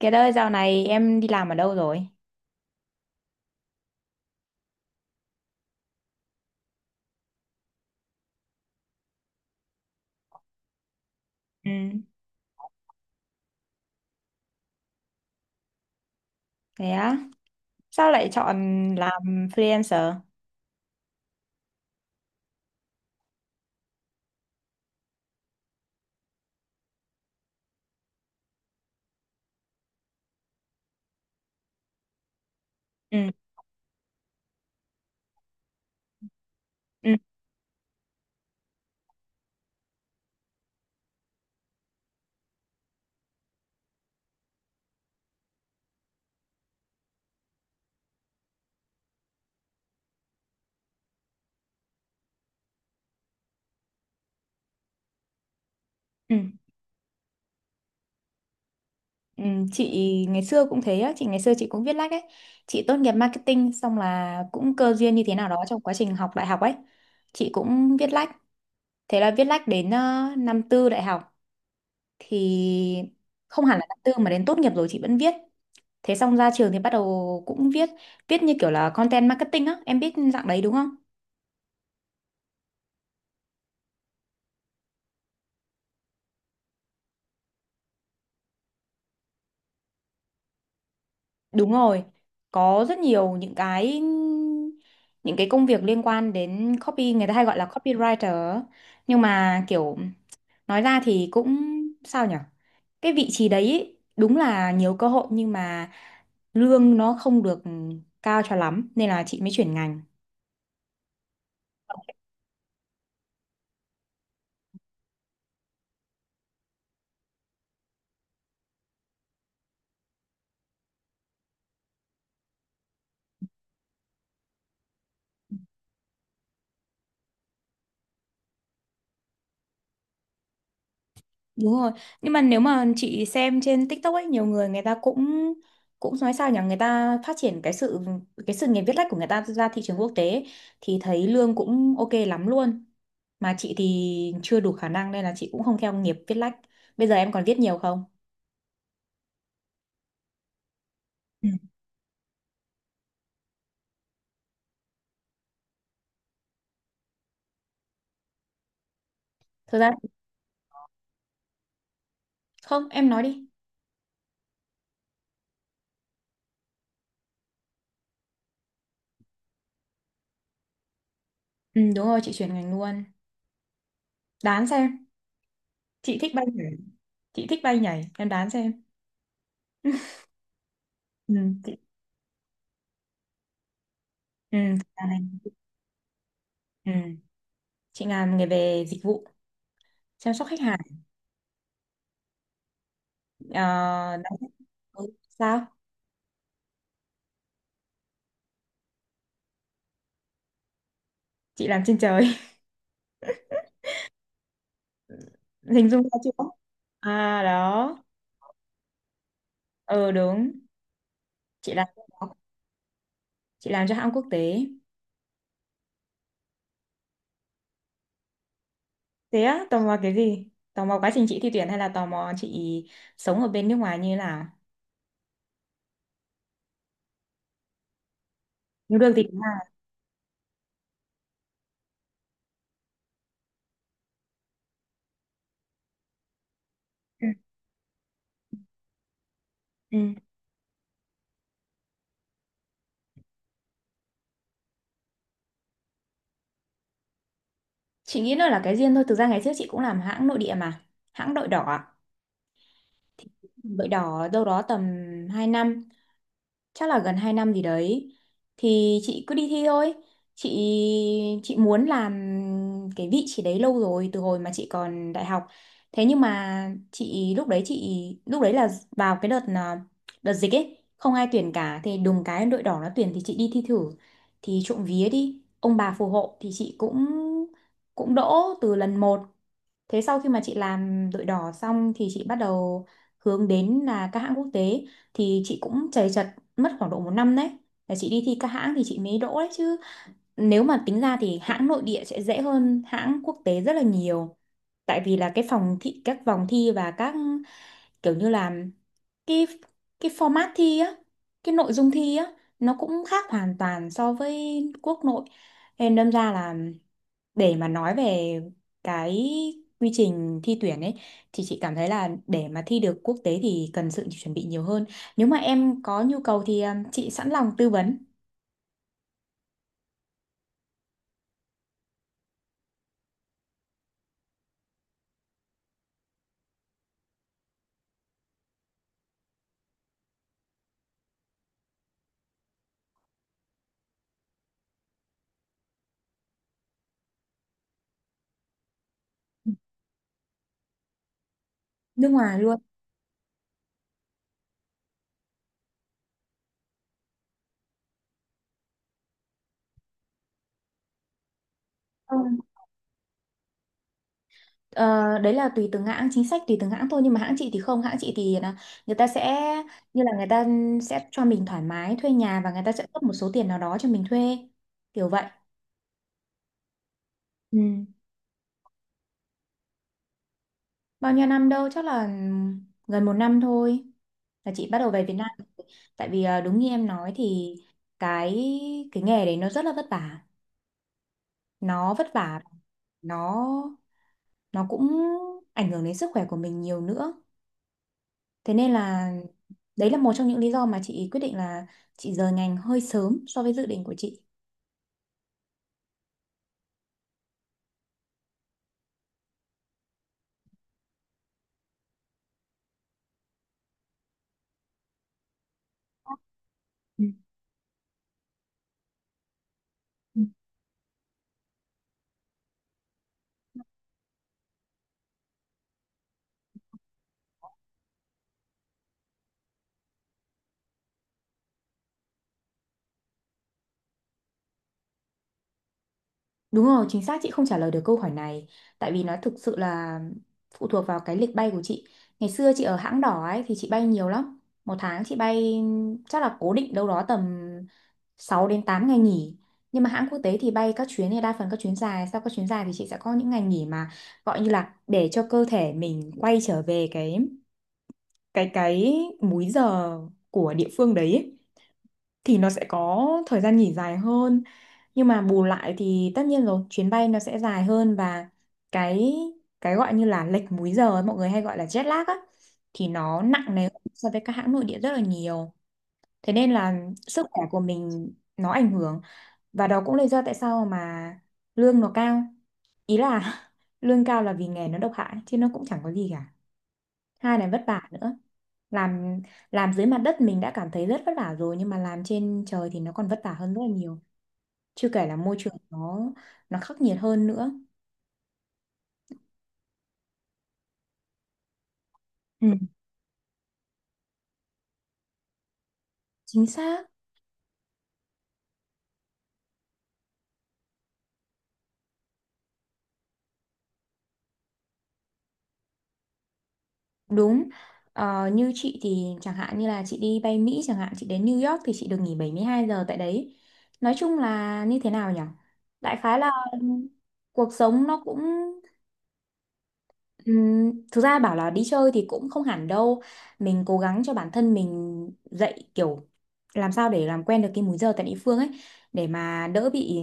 Kiệt ơi, dạo này em đi làm ở đâu rồi? Ừ. Thế á, sao lại chọn làm freelancer? Ừ ừ, ừ, ừ. Chị ngày xưa cũng thế á, chị ngày xưa chị cũng viết lách ấy. Chị tốt nghiệp marketing xong là cũng cơ duyên như thế nào đó trong quá trình học đại học ấy. Chị cũng viết lách. Thế là viết lách đến năm tư đại học thì không hẳn là năm tư mà đến tốt nghiệp rồi chị vẫn viết. Thế xong ra trường thì bắt đầu cũng viết, viết như kiểu là content marketing á, em biết dạng đấy đúng không? Đúng rồi, có rất nhiều những cái công việc liên quan đến copy, người ta hay gọi là copywriter á. Nhưng mà kiểu nói ra thì cũng sao nhở, cái vị trí đấy ý, đúng là nhiều cơ hội nhưng mà lương nó không được cao cho lắm nên là chị mới chuyển ngành. Đúng rồi. Nhưng mà nếu mà chị xem trên TikTok ấy, nhiều người người ta cũng cũng nói sao nhỉ, người ta phát triển cái sự nghiệp viết lách của người ta ra thị trường quốc tế ấy, thì thấy lương cũng ok lắm luôn. Mà chị thì chưa đủ khả năng nên là chị cũng không theo nghiệp viết lách. Bây giờ em còn viết nhiều không? Ừ. Thực ra không, em nói đi. Ừ đúng rồi, chị chuyển ngành luôn. Đoán xem, chị thích bay nhảy. Chị thích bay nhảy, em đoán xem. Ừ, chị, ừ, chị Ngàn này. Ừ, chị làm nghề về dịch vụ chăm sóc khách hàng. Ờ, đó. Ừ, sao chị làm trên trời hình dung ra chưa? À đó, ờ đúng, chị làm cho nó- chị làm cho hãng quốc tế. Thế á, tò mò cái gì? Tò mò quá trình chị thi tuyển hay là tò mò chị sống ở bên nước ngoài như thế nào? Nếu được thì cũng là ừ. Ừ. Chị nghĩ nó là cái duyên thôi, thực ra ngày trước chị cũng làm hãng nội địa mà, hãng đội đỏ ạ. Đội đỏ đâu đó tầm 2 năm, chắc là gần 2 năm gì đấy. Thì chị cứ đi thi thôi, chị chị muốn làm cái vị trí đấy lâu rồi từ hồi mà chị còn đại học. Thế nhưng mà chị lúc đấy là vào cái đợt đợt dịch ấy, không ai tuyển cả, thì đùng cái đội đỏ nó tuyển thì chị đi thi thử, thì trộm vía đi ông bà phù hộ thì chị cũng cũng đỗ từ lần một. Thế sau khi mà chị làm đội đỏ xong thì chị bắt đầu hướng đến là các hãng quốc tế, thì chị cũng chầy chật mất khoảng độ một năm đấy. Là chị đi thi các hãng thì chị mới đỗ đấy chứ. Nếu mà tính ra thì hãng nội địa sẽ dễ hơn hãng quốc tế rất là nhiều. Tại vì là cái phòng thi, các vòng thi, và các kiểu như là cái cái format thi á, cái nội dung thi á, nó cũng khác hoàn toàn so với quốc nội. Nên đâm ra là để mà nói về cái quy trình thi tuyển ấy thì chị cảm thấy là để mà thi được quốc tế thì cần sự chuẩn bị nhiều hơn. Nếu mà em có nhu cầu thì chị sẵn lòng tư vấn nước ngoài luôn. Không, ờ, đấy là tùy từng hãng, chính sách tùy từng hãng thôi, nhưng mà hãng chị thì không, hãng chị thì là người ta sẽ như là người ta sẽ cho mình thoải mái thuê nhà và người ta sẽ cấp một số tiền nào đó cho mình thuê, kiểu vậy. Ừ. Bao nhiêu năm đâu, chắc là ừ, gần một năm thôi là chị bắt đầu về Việt Nam. Tại vì đúng như em nói thì cái cái nghề đấy nó rất là vất vả. Nó vất vả, nó nó cũng ảnh hưởng đến sức khỏe của mình nhiều nữa. Thế nên là đấy là một trong những lý do mà chị quyết định là chị rời ngành hơi sớm so với dự định của chị. Ừ. Đúng rồi, chính xác, chị không trả lời được câu hỏi này. Tại vì nó thực sự là phụ thuộc vào cái lịch bay của chị. Ngày xưa chị ở hãng đỏ ấy thì chị bay nhiều lắm. Một tháng chị bay chắc là cố định đâu đó tầm 6 đến 8 ngày nghỉ. Nhưng mà hãng quốc tế thì bay các chuyến này đa phần các chuyến dài. Sau các chuyến dài thì chị sẽ có những ngày nghỉ mà gọi như là để cho cơ thể mình quay trở về cái múi giờ của địa phương đấy ấy. Thì nó sẽ có thời gian nghỉ dài hơn, nhưng mà bù lại thì tất nhiên rồi, chuyến bay nó sẽ dài hơn, và cái cái gọi như là lệch múi giờ ấy, mọi người hay gọi là jet lag á, thì nó nặng nề hơn so với các hãng nội địa rất là nhiều. Thế nên là sức khỏe của mình nó ảnh hưởng, và đó cũng là lý do tại sao mà lương nó cao, ý là lương cao là vì nghề nó độc hại chứ nó cũng chẳng có gì cả, hai là vất vả nữa. làm làm dưới mặt đất mình đã cảm thấy rất vất vả rồi, nhưng mà làm trên trời thì nó còn vất vả hơn rất là nhiều, chưa kể là môi trường nó khắc nghiệt hơn nữa. Ừ. Chính xác. Đúng. Ờ, như chị thì chẳng hạn như là chị đi bay Mỹ chẳng hạn, chị đến New York thì chị được nghỉ 72 giờ tại đấy. Nói chung là như thế nào nhỉ, đại khái là cuộc sống nó cũng thực ra bảo là đi chơi thì cũng không hẳn đâu, mình cố gắng cho bản thân mình dậy kiểu làm sao để làm quen được cái múi giờ tại địa phương ấy, để mà đỡ bị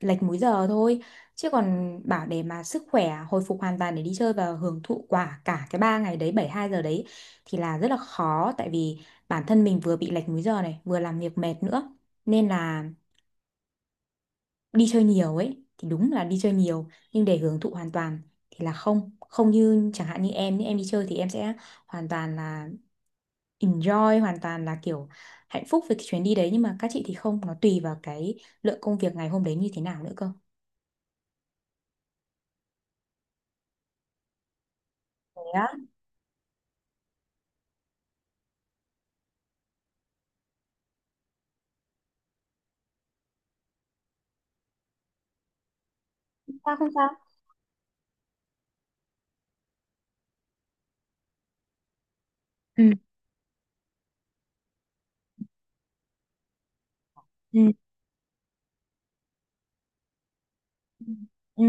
lệch múi giờ thôi, chứ còn bảo để mà sức khỏe hồi phục hoàn toàn để đi chơi và hưởng thụ quả cả cái 3 ngày đấy 72 giờ đấy thì là rất là khó, tại vì bản thân mình vừa bị lệch múi giờ này vừa làm việc mệt nữa, nên là đi chơi nhiều ấy thì đúng là đi chơi nhiều, nhưng để hưởng thụ hoàn toàn thì là không, không như chẳng hạn như em, đi chơi thì em sẽ hoàn toàn là enjoy, hoàn toàn là kiểu hạnh phúc với cái chuyến đi đấy, nhưng mà các chị thì không, nó tùy vào cái lượng công việc ngày hôm đấy như thế nào nữa cơ. Thế á, sao không sao? Ừ. Ừ. Ừ.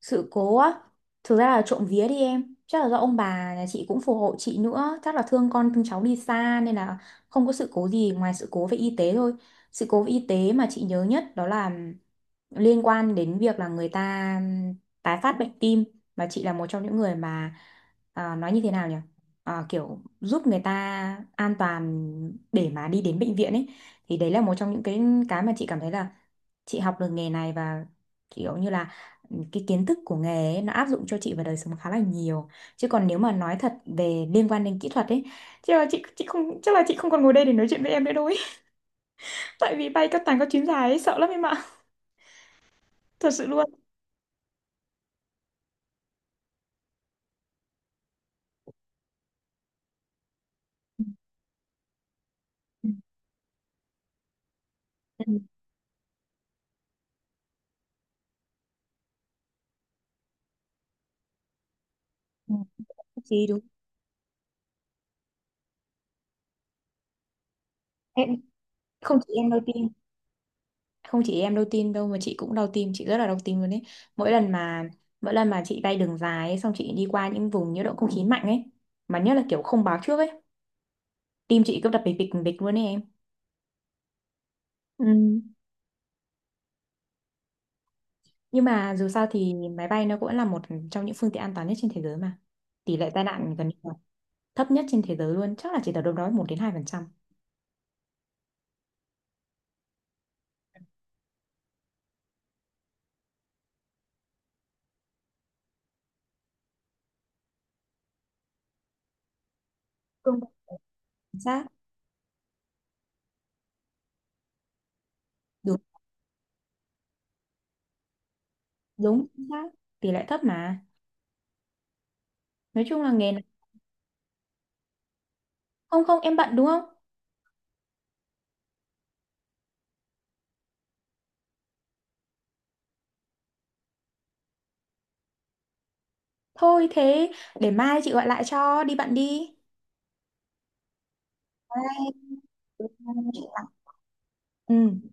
Sự cố á, thực ra là trộm vía đi em, chắc là do ông bà nhà chị cũng phù hộ chị nữa, chắc là thương con thương cháu đi xa nên là không có sự cố gì ngoài sự cố về y tế thôi. Sự cố về y tế mà chị nhớ nhất đó là liên quan đến việc là người ta tái phát bệnh tim, và chị là một trong những người mà nói như thế nào nhỉ? À, kiểu giúp người ta an toàn để mà đi đến bệnh viện ấy, thì đấy là một trong những cái mà chị cảm thấy là chị học được nghề này và kiểu như là cái kiến thức của nghề ấy, nó áp dụng cho chị vào đời sống khá là nhiều. Chứ còn nếu mà nói thật về liên quan đến kỹ thuật ấy, chắc là chị không, chắc là chị không còn ngồi đây để nói chuyện với em nữa đâu ấy, tại vì bay các tàng các chuyến dài ấy, sợ lắm em ạ. Thật sự luôn. Ừ, ừ, ừ. Chị đúng em, không chỉ em đau tim không chỉ em đau tim đâu mà chị cũng đau tim, chị rất là đau tim luôn ấy. mỗi lần mà Mỗi lần mà chị bay đường dài ấy, xong chị đi qua những vùng nhiễu động không khí mạnh ấy, mà nhất là kiểu không báo trước ấy, tim chị cứ đập bịch bịch bịch luôn ấy em. Ừ. Nhưng mà dù sao thì máy bay nó cũng là một trong những phương tiện an toàn nhất trên thế giới mà. Tỷ lệ tai nạn gần như là thấp nhất trên thế giới luôn, chắc là chỉ tầm đâu đó một đến 2%. Không, chính xác. Đúng, đúng chính xác. Tỷ lệ thấp mà. Nói chung là nghề này. Không không, em bận đúng không? Thôi thế để mai chị gọi lại cho, đi bận đi. Bye. Ừ.